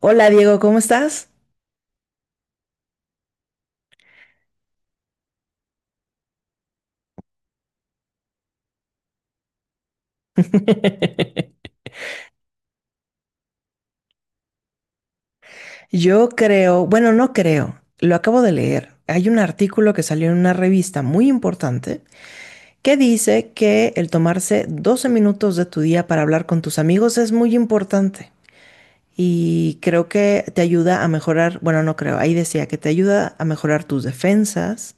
Hola Diego, ¿cómo estás? Yo creo, bueno, no creo, lo acabo de leer. Hay un artículo que salió en una revista muy importante que dice que el tomarse 12 minutos de tu día para hablar con tus amigos es muy importante y creo que te ayuda a mejorar, bueno, no creo, ahí decía que te ayuda a mejorar tus defensas,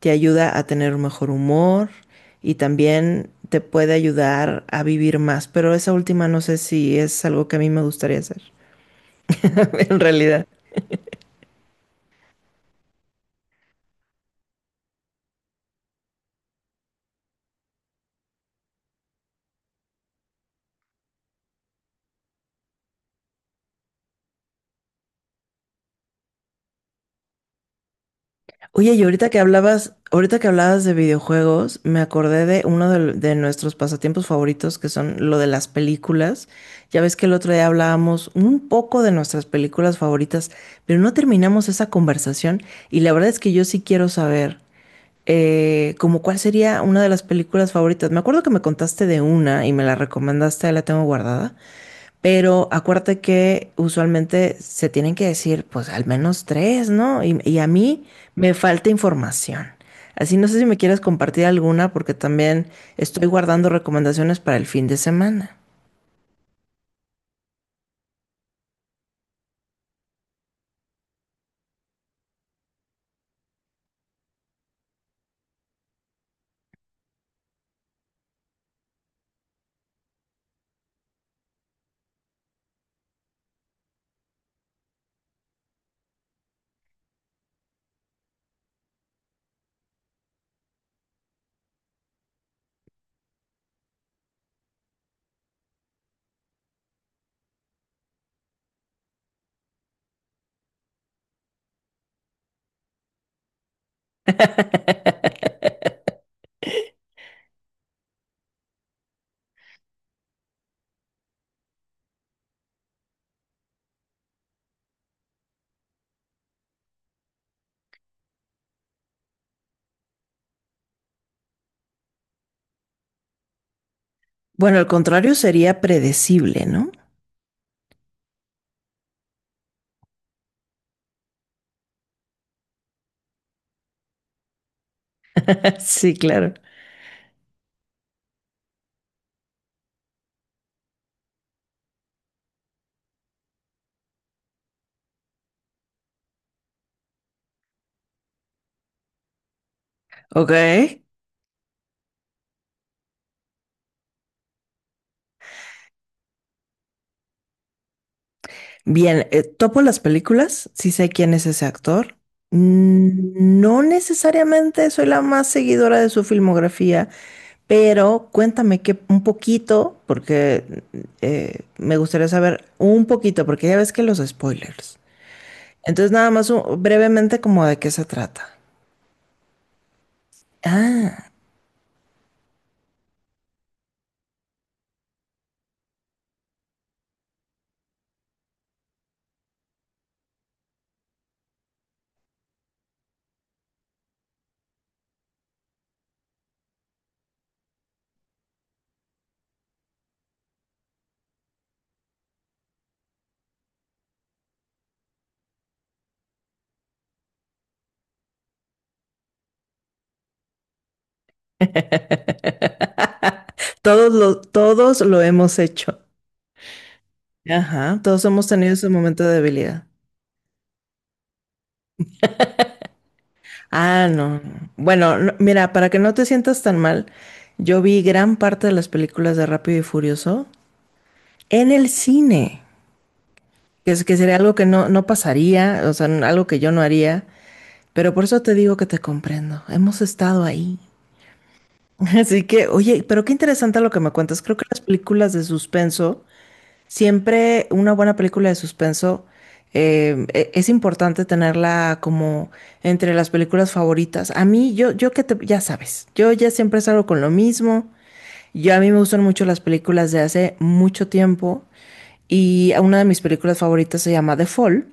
te ayuda a tener un mejor humor y también te puede ayudar a vivir más, pero esa última no sé si es algo que a mí me gustaría hacer. En realidad. Oye, y ahorita que hablabas de videojuegos, me acordé de uno de nuestros pasatiempos favoritos, que son lo de las películas. Ya ves que el otro día hablábamos un poco de nuestras películas favoritas, pero no terminamos esa conversación y la verdad es que yo sí quiero saber como cuál sería una de las películas favoritas. Me acuerdo que me contaste de una y me la recomendaste, ahí la tengo guardada. Pero acuérdate que usualmente se tienen que decir, pues al menos tres, ¿no? Y a mí me falta información. Así no sé si me quieres compartir alguna porque también estoy guardando recomendaciones para el fin de semana. Bueno, al contrario sería predecible, ¿no? Sí, claro. Ok. Bien, topo las películas, sí sé quién es ese actor. Mm, no necesariamente soy la más seguidora de su filmografía. Pero cuéntame que un poquito, porque me gustaría saber un poquito, porque ya ves que los spoilers. Entonces nada más brevemente como de qué se trata. Ah, todos lo hemos hecho. Ajá, todos hemos tenido ese momento de debilidad. Ah, no, no, no. Bueno, mira, para que no te sientas tan mal, yo vi gran parte de las películas de Rápido y Furioso en el cine, que sería algo que no, no pasaría, o sea, algo que yo no haría. Pero por eso te digo que te comprendo. Hemos estado ahí. Así que, oye, pero qué interesante lo que me cuentas. Creo que las películas de suspenso, siempre una buena película de suspenso, es importante tenerla como entre las películas favoritas. A mí, yo que te, ya sabes, yo ya siempre salgo con lo mismo. Yo a mí me gustan mucho las películas de hace mucho tiempo y una de mis películas favoritas se llama The Fall,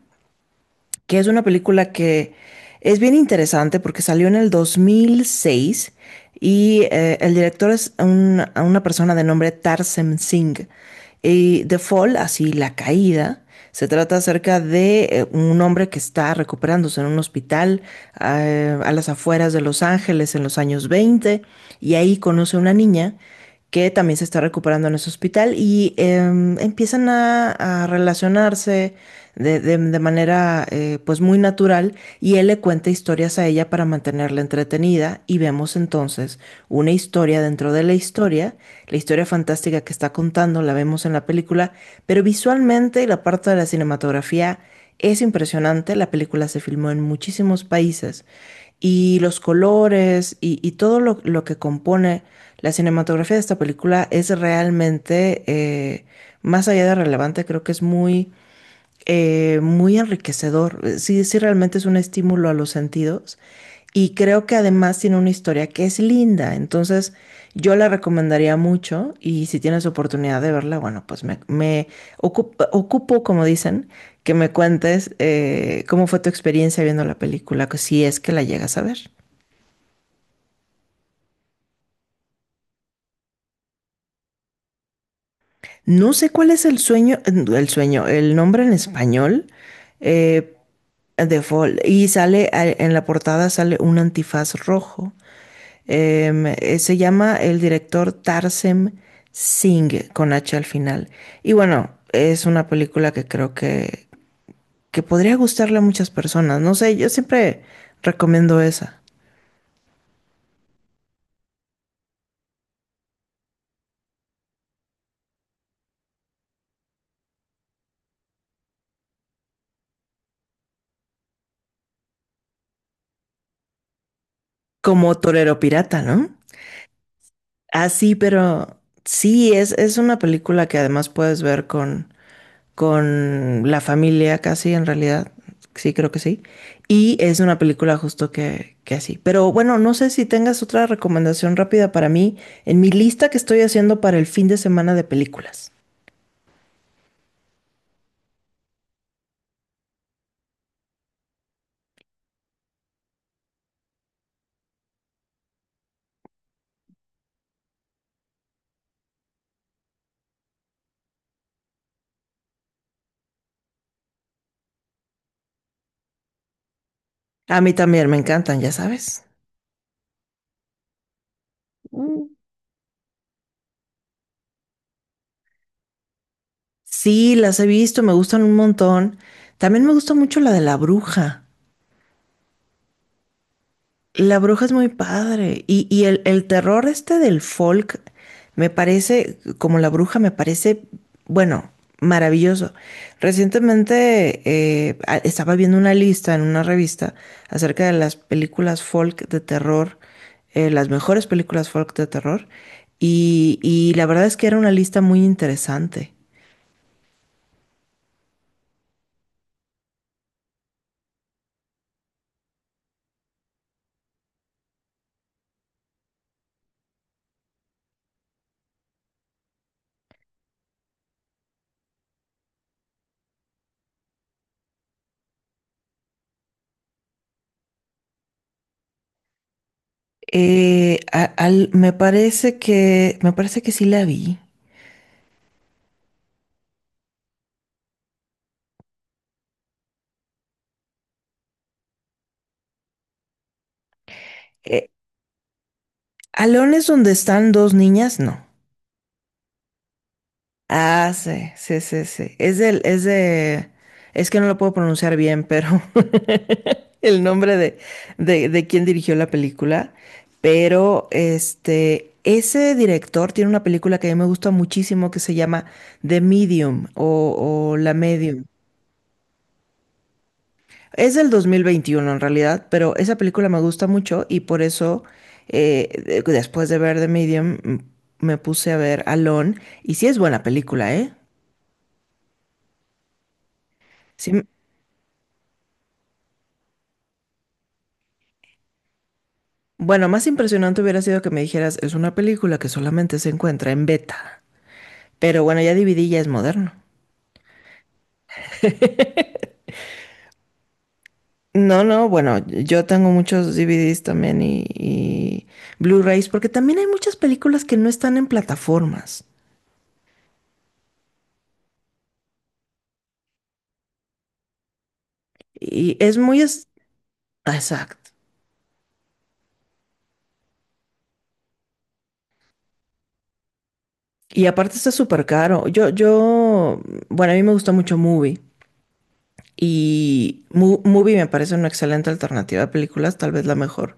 que es una película que es bien interesante porque salió en el 2006 y eh, el director es una persona de nombre Tarsem Singh. Y The Fall, así la caída, se trata acerca de un hombre que está recuperándose en un hospital a las afueras de Los Ángeles en los años 20 y ahí conoce a una niña que también se está recuperando en ese hospital y empiezan a relacionarse de manera pues muy natural y él le cuenta historias a ella para mantenerla entretenida y vemos entonces una historia dentro de la historia fantástica que está contando la vemos en la película, pero visualmente y la parte de la cinematografía es impresionante, la película se filmó en muchísimos países y los colores y todo lo que compone la cinematografía de esta película es realmente, más allá de relevante, creo que es muy muy enriquecedor. Sí, sí, realmente es un estímulo a los sentidos. Y creo que además tiene una historia que es linda. Entonces, yo la recomendaría mucho. Y si tienes oportunidad de verla, bueno, pues me ocupo, como dicen, que me cuentes cómo fue tu experiencia viendo la película, que si es que la llegas a ver. No sé cuál es el sueño, el nombre en español eh, de Fall. Y sale en la portada sale un antifaz rojo. Se llama el director Tarsem Singh con H al final. Y bueno, es una película que podría gustarle a muchas personas. No sé, yo siempre recomiendo esa. Como Torero Pirata, ¿no? Así, pero sí, es una película que además puedes ver con la familia casi en realidad. Sí, creo que sí. Y es una película justo que así. Pero bueno, no sé si tengas otra recomendación rápida para mí en mi lista que estoy haciendo para el fin de semana de películas. A mí también me encantan, ya sabes. Sí, las he visto, me gustan un montón. También me gusta mucho la de la bruja. La bruja es muy padre. Y el terror este del folk me parece, como la bruja, me parece, bueno, maravilloso. Recientemente estaba viendo una lista en una revista acerca de las películas folk de terror, las mejores películas folk de terror. Y la verdad es que era una lista muy interesante. Me parece me parece que sí la vi. Eh, Alones donde están dos niñas, no. Ah, sí, sí, sí, sí. Es del, es de, Es que no lo puedo pronunciar bien, pero el nombre de quién dirigió la película. Pero este, ese director tiene una película que a mí me gusta muchísimo que se llama The Medium, o La Medium. Es del 2021 en realidad, pero esa película me gusta mucho y por eso después de ver The Medium me puse a ver Alone y sí es buena película, ¿eh? Sí. Bueno, más impresionante hubiera sido que me dijeras, es una película que solamente se encuentra en beta. Pero bueno, ya DVD ya es moderno. No, no, bueno, yo tengo muchos DVDs también y Blu-rays, porque también hay muchas películas que no están en plataformas. Y es muy... ah, exacto. Y aparte está súper caro. Bueno, a mí me gusta mucho Movie. Y Movie me parece una excelente alternativa a películas, tal vez la mejor.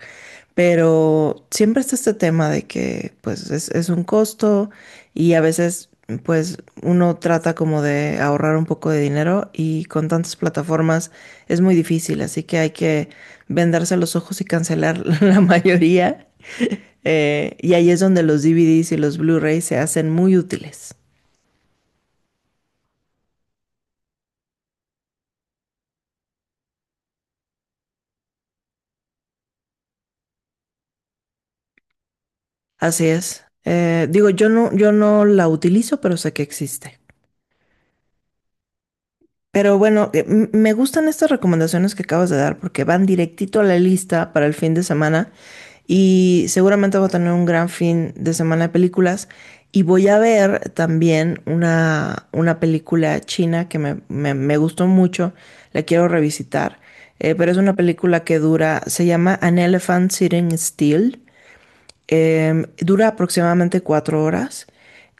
Pero siempre está este tema de que pues es un costo y a veces pues uno trata como de ahorrar un poco de dinero y con tantas plataformas es muy difícil, así que hay que vendarse los ojos y cancelar la mayoría. Y ahí es donde los DVDs y los Blu-rays se hacen muy útiles. Así es. Digo, yo no la utilizo, pero sé que existe. Pero bueno, me gustan estas recomendaciones que acabas de dar porque van directito a la lista para el fin de semana y seguramente voy a tener un gran fin de semana de películas y voy a ver también una película china que me gustó mucho, la quiero revisitar, pero es una película que dura, se llama An Elephant Sitting Still. Dura aproximadamente 4 horas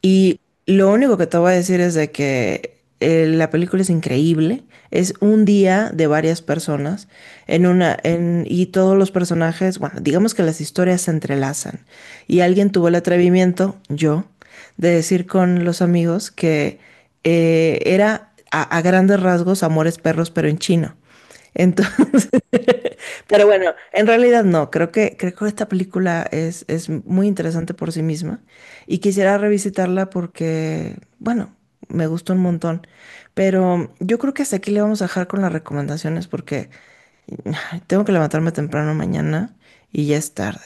y lo único que te voy a decir es de que la película es increíble. Es un día de varias personas y todos los personajes, bueno, digamos que las historias se entrelazan y alguien tuvo el atrevimiento, yo, de decir con los amigos que era a grandes rasgos Amores Perros pero en chino. Entonces pero bueno, en realidad no, creo que esta película es muy interesante por sí misma y quisiera revisitarla porque, bueno, me gustó un montón. Pero yo creo que hasta aquí le vamos a dejar con las recomendaciones porque ay, tengo que levantarme temprano mañana y ya es tarde.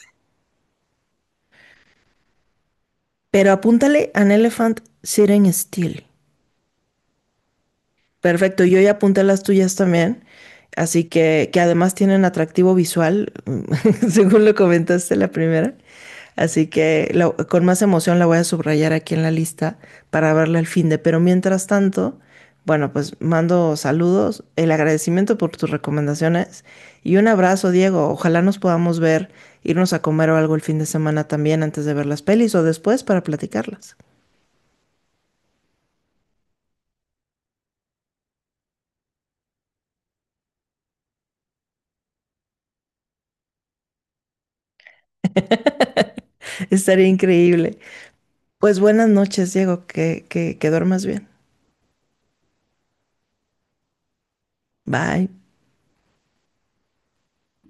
Pero apúntale An Elephant Sitting Still. Perfecto, yo ya apunté las tuyas también, así que además tienen atractivo visual, según lo comentaste la primera. Así que con más emoción la voy a subrayar aquí en la lista para verla al fin de. Pero mientras tanto, bueno, pues mando saludos, el agradecimiento por tus recomendaciones y un abrazo, Diego. Ojalá nos podamos ver, irnos a comer o algo el fin de semana también antes de ver las pelis o después para platicarlas. Estaría increíble. Pues buenas noches, Diego, que duermas bien. Bye.